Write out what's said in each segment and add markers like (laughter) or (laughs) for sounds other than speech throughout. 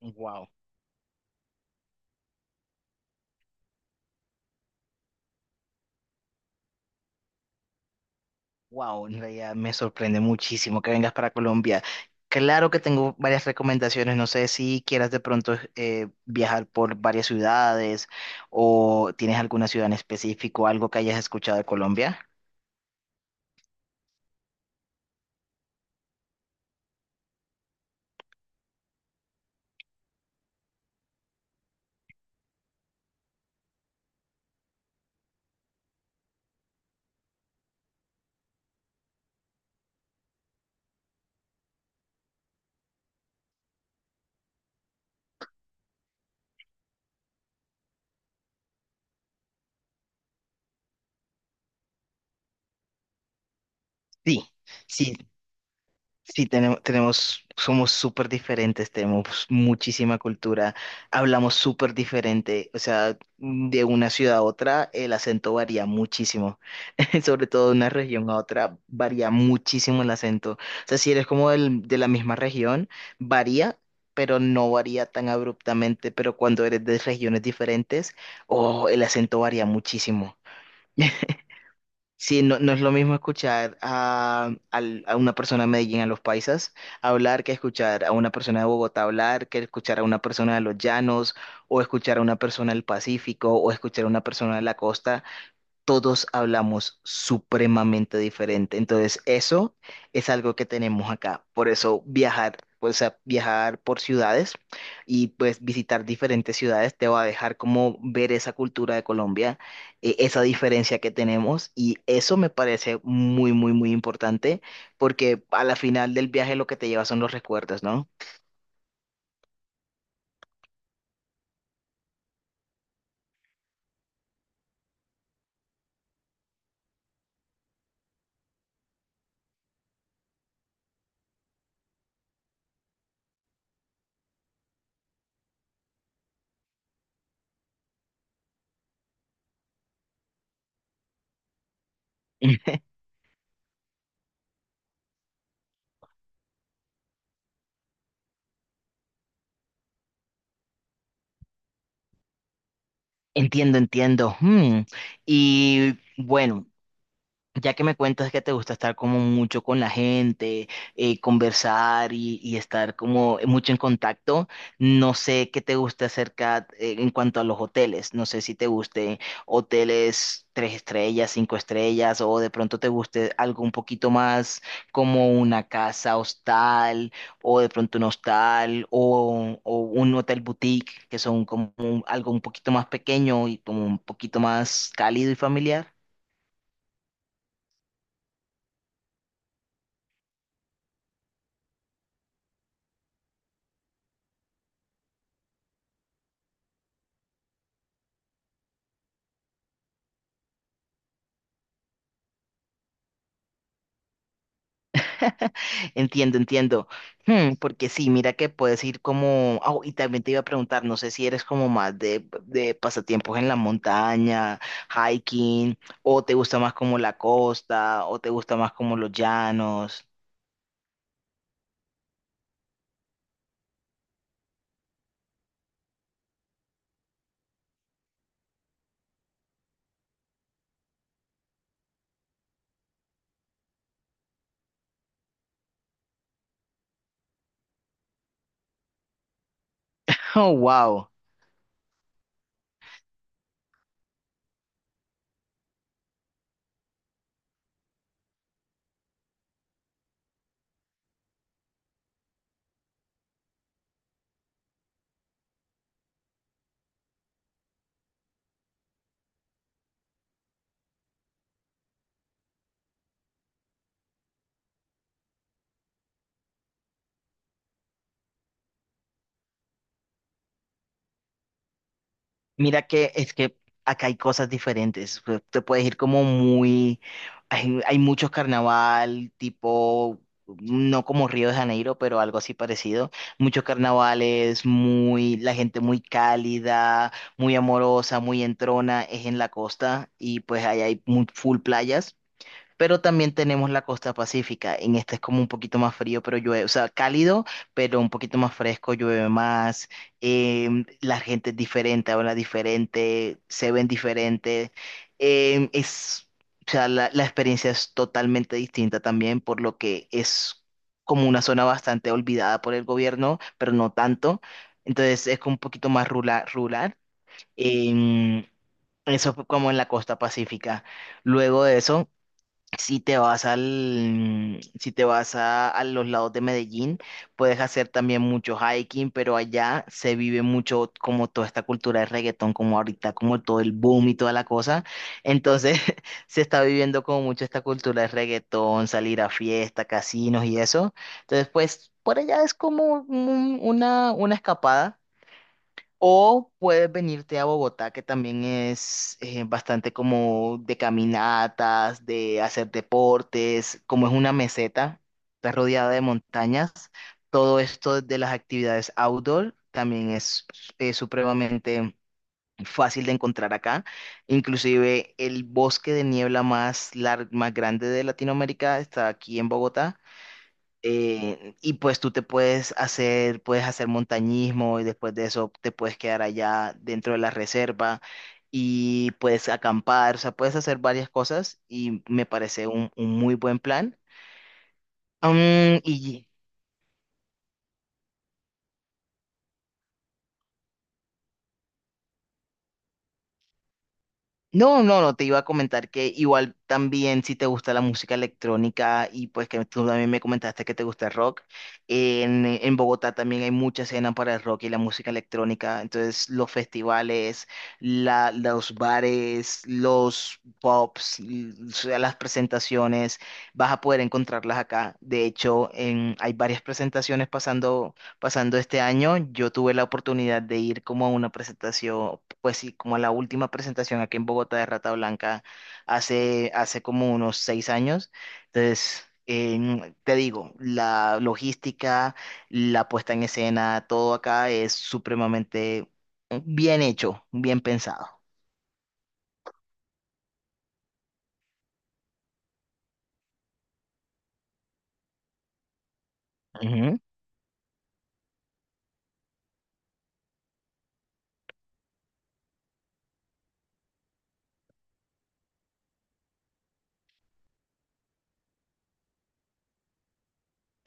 Wow, wow, en realidad me sorprende muchísimo que vengas para Colombia. Claro que tengo varias recomendaciones, no sé si quieras de pronto viajar por varias ciudades o tienes alguna ciudad en específico, algo que hayas escuchado de Colombia. Sí, sí, sí, tenemos, somos súper diferentes, tenemos muchísima cultura, hablamos súper diferente, o sea, de una ciudad a otra el acento varía muchísimo. (laughs) Sobre todo de una región a otra varía muchísimo el acento, o sea, si eres como de la misma región, varía, pero no varía tan abruptamente, pero cuando eres de regiones diferentes, oh, el acento varía muchísimo. (laughs) Sí, no, no es lo mismo escuchar a una persona de Medellín, a los paisas, hablar que escuchar a una persona de Bogotá hablar, que escuchar a una persona de los llanos, o escuchar a una persona del Pacífico, o escuchar a una persona de la costa. Todos hablamos supremamente diferente. Entonces, eso es algo que tenemos acá. Por eso viajar, pues, o viajar por ciudades y pues visitar diferentes ciudades te va a dejar como ver esa cultura de Colombia, esa diferencia que tenemos y eso me parece muy, muy, muy importante porque a la final del viaje lo que te lleva son los recuerdos, ¿no? (clears throat) (laughs) Entiendo, entiendo. Hmm. Y bueno, ya que me cuentas que te gusta estar como mucho con la gente, conversar y estar como mucho en contacto, no sé qué te gusta acerca en cuanto a los hoteles. No sé si te gusten hoteles tres estrellas, cinco estrellas, o de pronto te guste algo un poquito más como una casa hostal, o de pronto un hostal, o un hotel boutique, que son como algo un poquito más pequeño y como un poquito más cálido y familiar. Entiendo, entiendo. Porque sí, mira que puedes ir como ah, y también te iba a preguntar, no sé si eres como más de pasatiempos en la montaña, hiking, o te gusta más como la costa, o te gusta más como los llanos. (laughs) Oh, wow. Mira que es que acá hay cosas diferentes. Te puedes ir como muy hay, muchos carnaval, tipo, no como Río de Janeiro, pero algo así parecido. Muchos carnavales, muy, la gente muy cálida, muy amorosa, muy entrona, es en la costa y pues ahí hay muy full playas. Pero también tenemos la costa pacífica. En esta es como un poquito más frío, pero llueve, o sea, cálido, pero un poquito más fresco, llueve más. Em, la gente es diferente, habla diferente, se ven diferente. Em, es, o sea, la experiencia es totalmente distinta también, por lo que es como una zona bastante olvidada por el gobierno, pero no tanto. Entonces es como un poquito más rural. em, eso fue como en la costa pacífica. Luego de eso, si te vas al, si te vas a los lados de Medellín, puedes hacer también mucho hiking, pero allá se vive mucho como toda esta cultura de reggaetón, como ahorita, como todo el boom y toda la cosa. Entonces, (laughs) se está viviendo como mucho esta cultura de reggaetón, salir a fiesta, casinos y eso. Entonces, pues, por allá es como una escapada. O puedes venirte a Bogotá, que también es bastante como de caminatas, de hacer deportes, como es una meseta, está rodeada de montañas. Todo esto de las actividades outdoor también es supremamente fácil de encontrar acá. Inclusive el bosque de niebla más grande de Latinoamérica está aquí en Bogotá. Y pues tú puedes hacer montañismo y después de eso te puedes quedar allá dentro de la reserva y puedes acampar, o sea, puedes hacer varias cosas y me parece un muy buen plan. Mm, y No, no, no, te iba a comentar que igual también si te gusta la música electrónica y pues que tú también me comentaste que te gusta el rock, en Bogotá también hay mucha escena para el rock y la música electrónica, entonces los festivales, los bares, los pubs, o sea, las presentaciones, vas a poder encontrarlas acá. De hecho, hay varias presentaciones pasando este año. Yo tuve la oportunidad de ir como a una presentación, pues sí, como a la última presentación aquí en Bogotá de Rata Blanca hace como unos 6 años. Entonces, te digo, la logística, la puesta en escena, todo acá es supremamente bien hecho, bien pensado.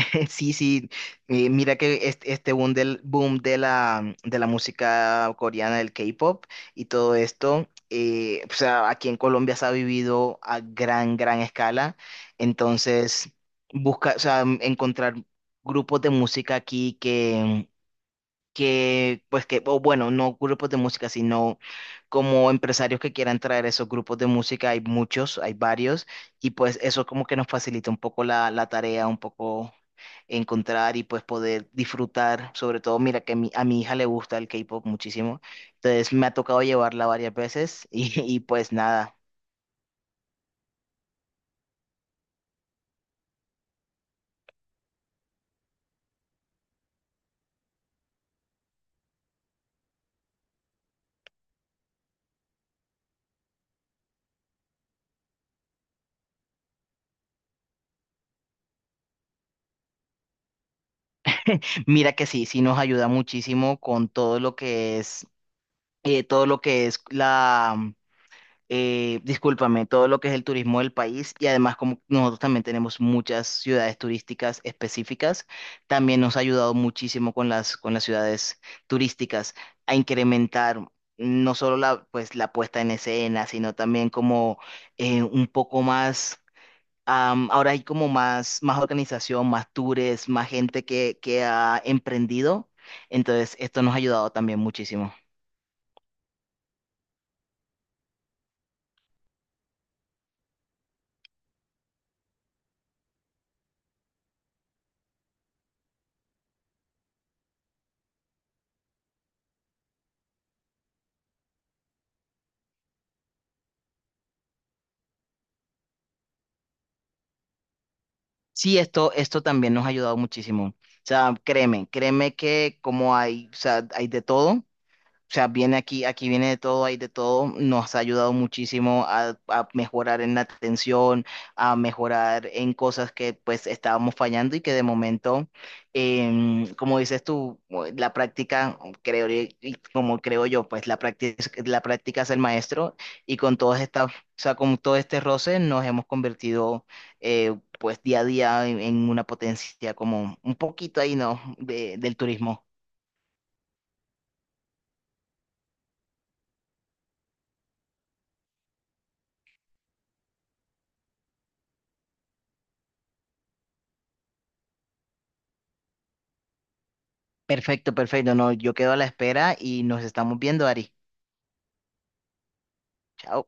(laughs) Sí, sí, mira que este boom del boom de la música coreana, del K-pop y todo esto, o sea, aquí en Colombia se ha vivido a gran, gran escala, entonces busca, o sea, encontrar grupos de música aquí pues que, o bueno, no grupos de música, sino como empresarios que quieran traer esos grupos de música, hay muchos, hay varios, y pues eso como que nos facilita un poco la tarea, un poco encontrar y pues poder disfrutar, sobre todo, mira que a mi hija le gusta el K-pop muchísimo, entonces me ha tocado llevarla varias veces y, (laughs) y pues nada, mira que sí, sí nos ayuda muchísimo con todo lo que es, todo lo que es la discúlpame, todo lo que es el turismo del país y además como nosotros también tenemos muchas ciudades turísticas específicas, también nos ha ayudado muchísimo con las ciudades turísticas a incrementar no solo la, pues, la puesta en escena, sino también como un poco más, ahora hay como más, más organización, más tours, más gente que ha emprendido, entonces esto nos ha ayudado también muchísimo. Sí, esto también nos ha ayudado muchísimo. O sea, créeme, créeme que como hay, o sea, hay de todo. O sea, viene aquí, aquí viene de todo, hay de todo. Nos ha ayudado muchísimo a mejorar en la atención, a mejorar en cosas que pues estábamos fallando y que de momento, como dices tú, la práctica, creo, y como creo yo, pues la práctica es el maestro y con todas estas, o sea, con todo este roce nos hemos convertido pues día a día en una potencia como un poquito ahí, ¿no? Del turismo. Perfecto, perfecto. No, yo quedo a la espera y nos estamos viendo, Ari. Chao.